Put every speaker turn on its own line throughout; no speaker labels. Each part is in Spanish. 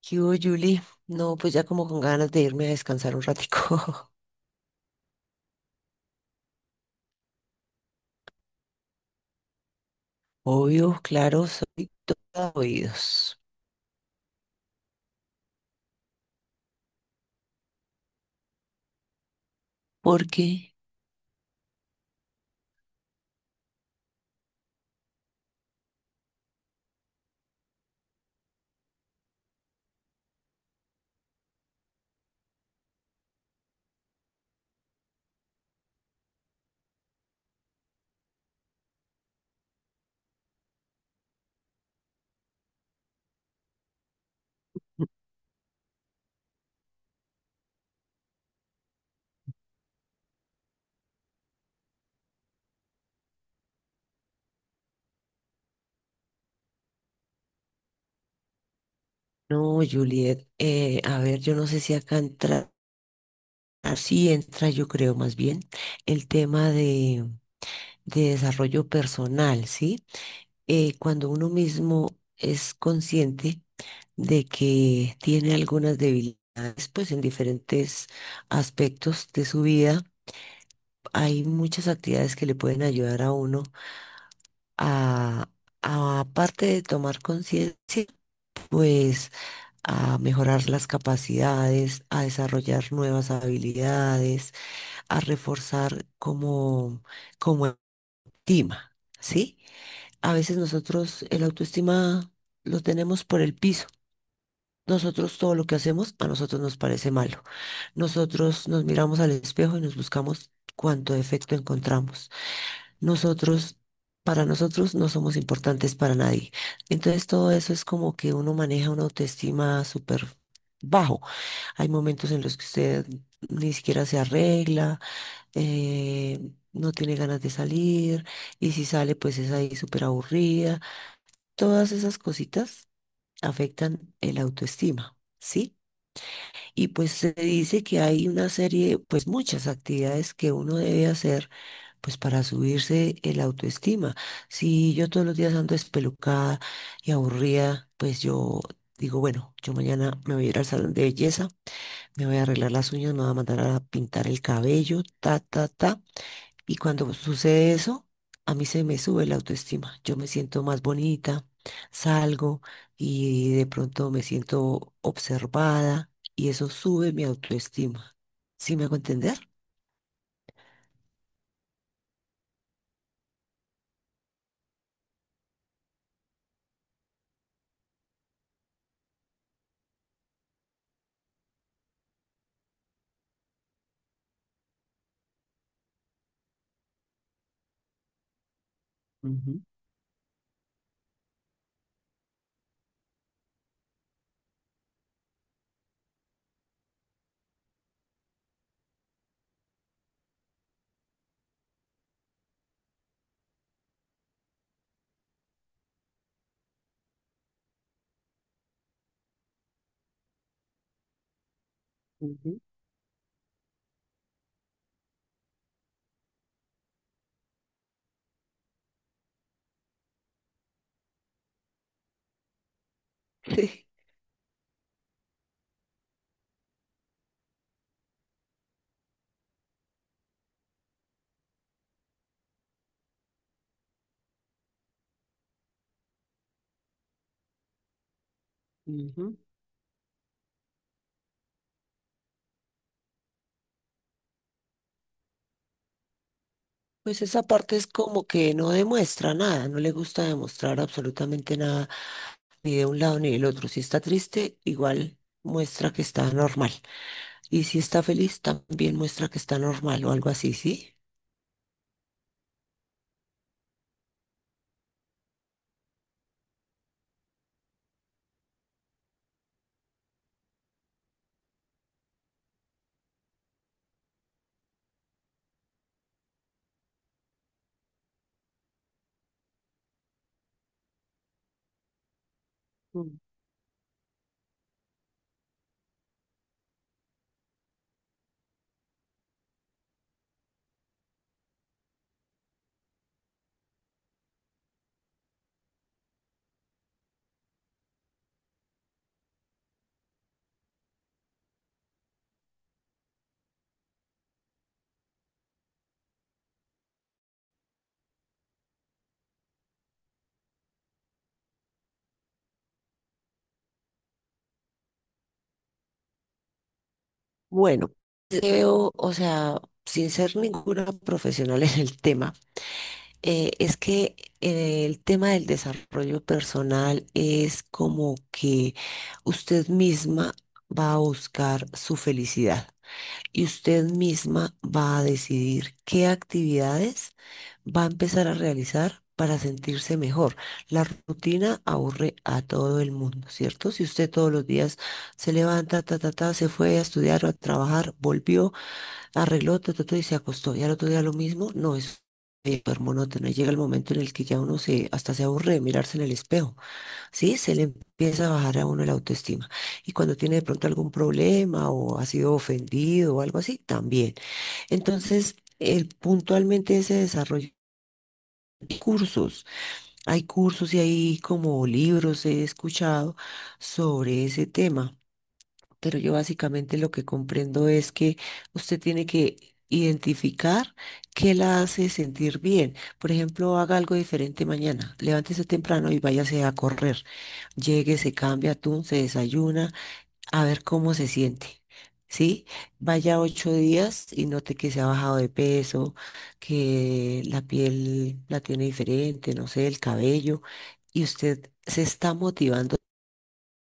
¿Qué hubo, Julie? No, pues ya como con ganas de irme a descansar un ratico. Obvio, claro, soy toda oídos. ¿Por qué? No, Juliet, a ver, yo no sé si acá entra, así entra, yo creo más bien, el tema de desarrollo personal, ¿sí? Cuando uno mismo es consciente de que tiene algunas debilidades, pues en diferentes aspectos de su vida, hay muchas actividades que le pueden ayudar a uno a, aparte de tomar conciencia, pues a mejorar las capacidades, a desarrollar nuevas habilidades, a reforzar como autoestima, ¿sí? A veces nosotros el autoestima lo tenemos por el piso. Nosotros todo lo que hacemos a nosotros nos parece malo. Nosotros nos miramos al espejo y nos buscamos cuánto defecto encontramos. nosotros, para nosotros no somos importantes para nadie. Entonces todo eso es como que uno maneja una autoestima súper bajo. Hay momentos en los que usted ni siquiera se arregla, eh, no tiene ganas de salir y si sale pues es ahí súper aburrida. Todas esas cositas afectan el autoestima. ¿Sí? Y pues se dice que hay una serie, pues muchas actividades que uno debe hacer pues para subirse el autoestima. Si yo todos los días ando espelucada y aburrida, pues yo digo, bueno, yo mañana me voy a ir al salón de belleza, me voy a arreglar las uñas, me voy a mandar a pintar el cabello, ta, ta, ta. Y cuando sucede eso, a mí se me sube la autoestima. Yo me siento más bonita, salgo y de pronto me siento observada y eso sube mi autoestima. ¿Sí me hago entender? Ujú, ujú. Ujú. Pues esa parte es como que no demuestra nada, no le gusta demostrar absolutamente nada, ni de un lado ni del otro. Si está triste, igual muestra que está normal. Y si está feliz, también muestra que está normal o algo así, ¿sí? Mm. Bueno, creo, o sea, sin ser ninguna profesional en el tema. Es que El tema del desarrollo personal es como que usted misma va a buscar su felicidad y usted misma va a decidir qué actividades va a empezar a realizar para sentirse mejor. La rutina aburre a todo el mundo, ¿cierto? Si usted todos los días se levanta, ta, ta, ta, se fue a estudiar o a trabajar, volvió arregló, todo y se acostó. Y al otro día lo mismo, no es súper monótono. Y llega el momento en el que ya uno se, hasta se aburre de mirarse en el espejo, ¿sí? Se le empieza a bajar a uno la autoestima. Y cuando tiene de pronto algún problema o ha sido ofendido o algo así, también. Entonces, el, puntualmente ese desarrollo. De cursos, hay cursos y hay como libros he escuchado sobre ese tema. Pero yo básicamente lo que comprendo es que usted tiene que identificar qué la hace sentir bien. Por ejemplo, haga algo diferente mañana. Levántese temprano y váyase a correr. Llegue, se cambia, atún, se desayuna, a ver cómo se siente. ¿Sí? Vaya 8 días y note que se ha bajado de peso, que la piel la tiene diferente, no sé, el cabello, y usted se está motivando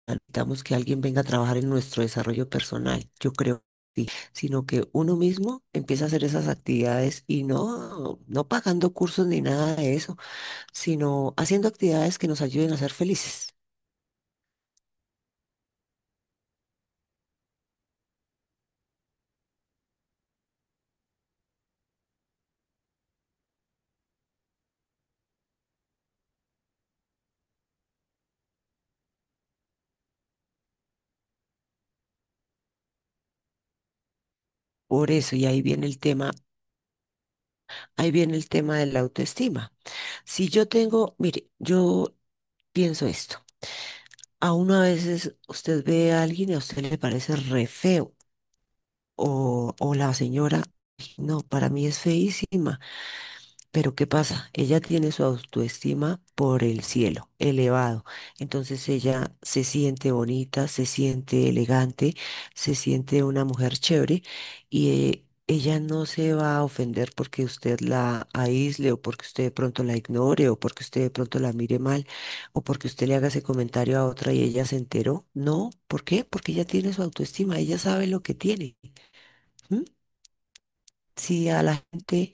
necesitamos que alguien venga a trabajar en nuestro desarrollo personal, yo creo, que sí, sino que uno mismo empieza a hacer esas actividades y no pagando cursos ni nada de eso, sino haciendo actividades que nos ayuden a ser felices. Por eso, y ahí viene el tema, ahí viene el tema de la autoestima. Si yo tengo, mire, yo pienso esto. A uno a veces usted ve a alguien y a usted le parece re feo. O la señora, no, para mí es feísima. Pero ¿qué pasa? Ella tiene su autoestima por el cielo, elevado. Entonces ella se siente bonita, se siente elegante, se siente una mujer chévere y ella no se va a ofender porque usted la aísle o porque usted de pronto la ignore o porque usted de pronto la mire mal o porque usted le haga ese comentario a otra y ella se enteró. No, ¿por qué? Porque ella tiene su autoestima, ella sabe lo que tiene. ¿Mm? Si a la gente...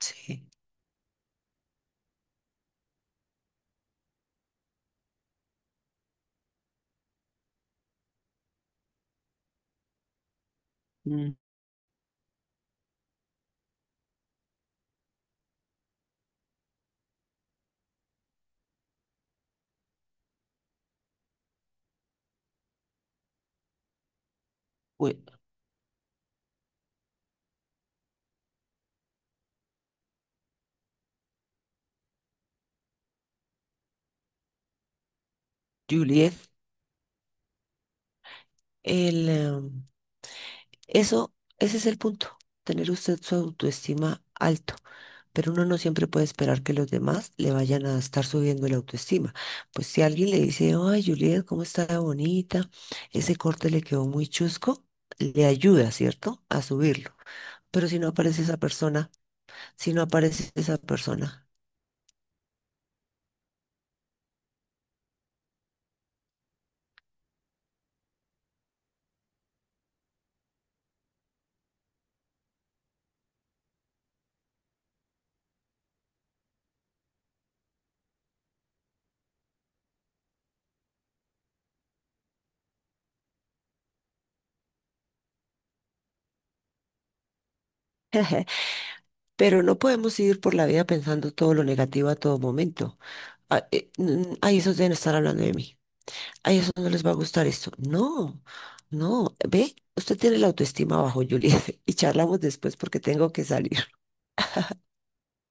Sí. Mm. Bueno, Juliet. El, em, Ese es el punto, tener usted su autoestima alto, pero uno no siempre puede esperar que los demás le vayan a estar subiendo la autoestima. Pues si alguien le dice, ay, Juliet, ¿cómo está de bonita? Ese corte le quedó muy chusco, le ayuda, ¿cierto? A subirlo. Pero si no aparece esa persona, si no aparece esa persona. Pero no podemos ir por la vida pensando todo lo negativo a todo momento. Ahí eso deben estar hablando de mí. A eso no les va a gustar esto. No, no, ve, usted tiene la autoestima bajo, Juliet, y charlamos después porque tengo que salir.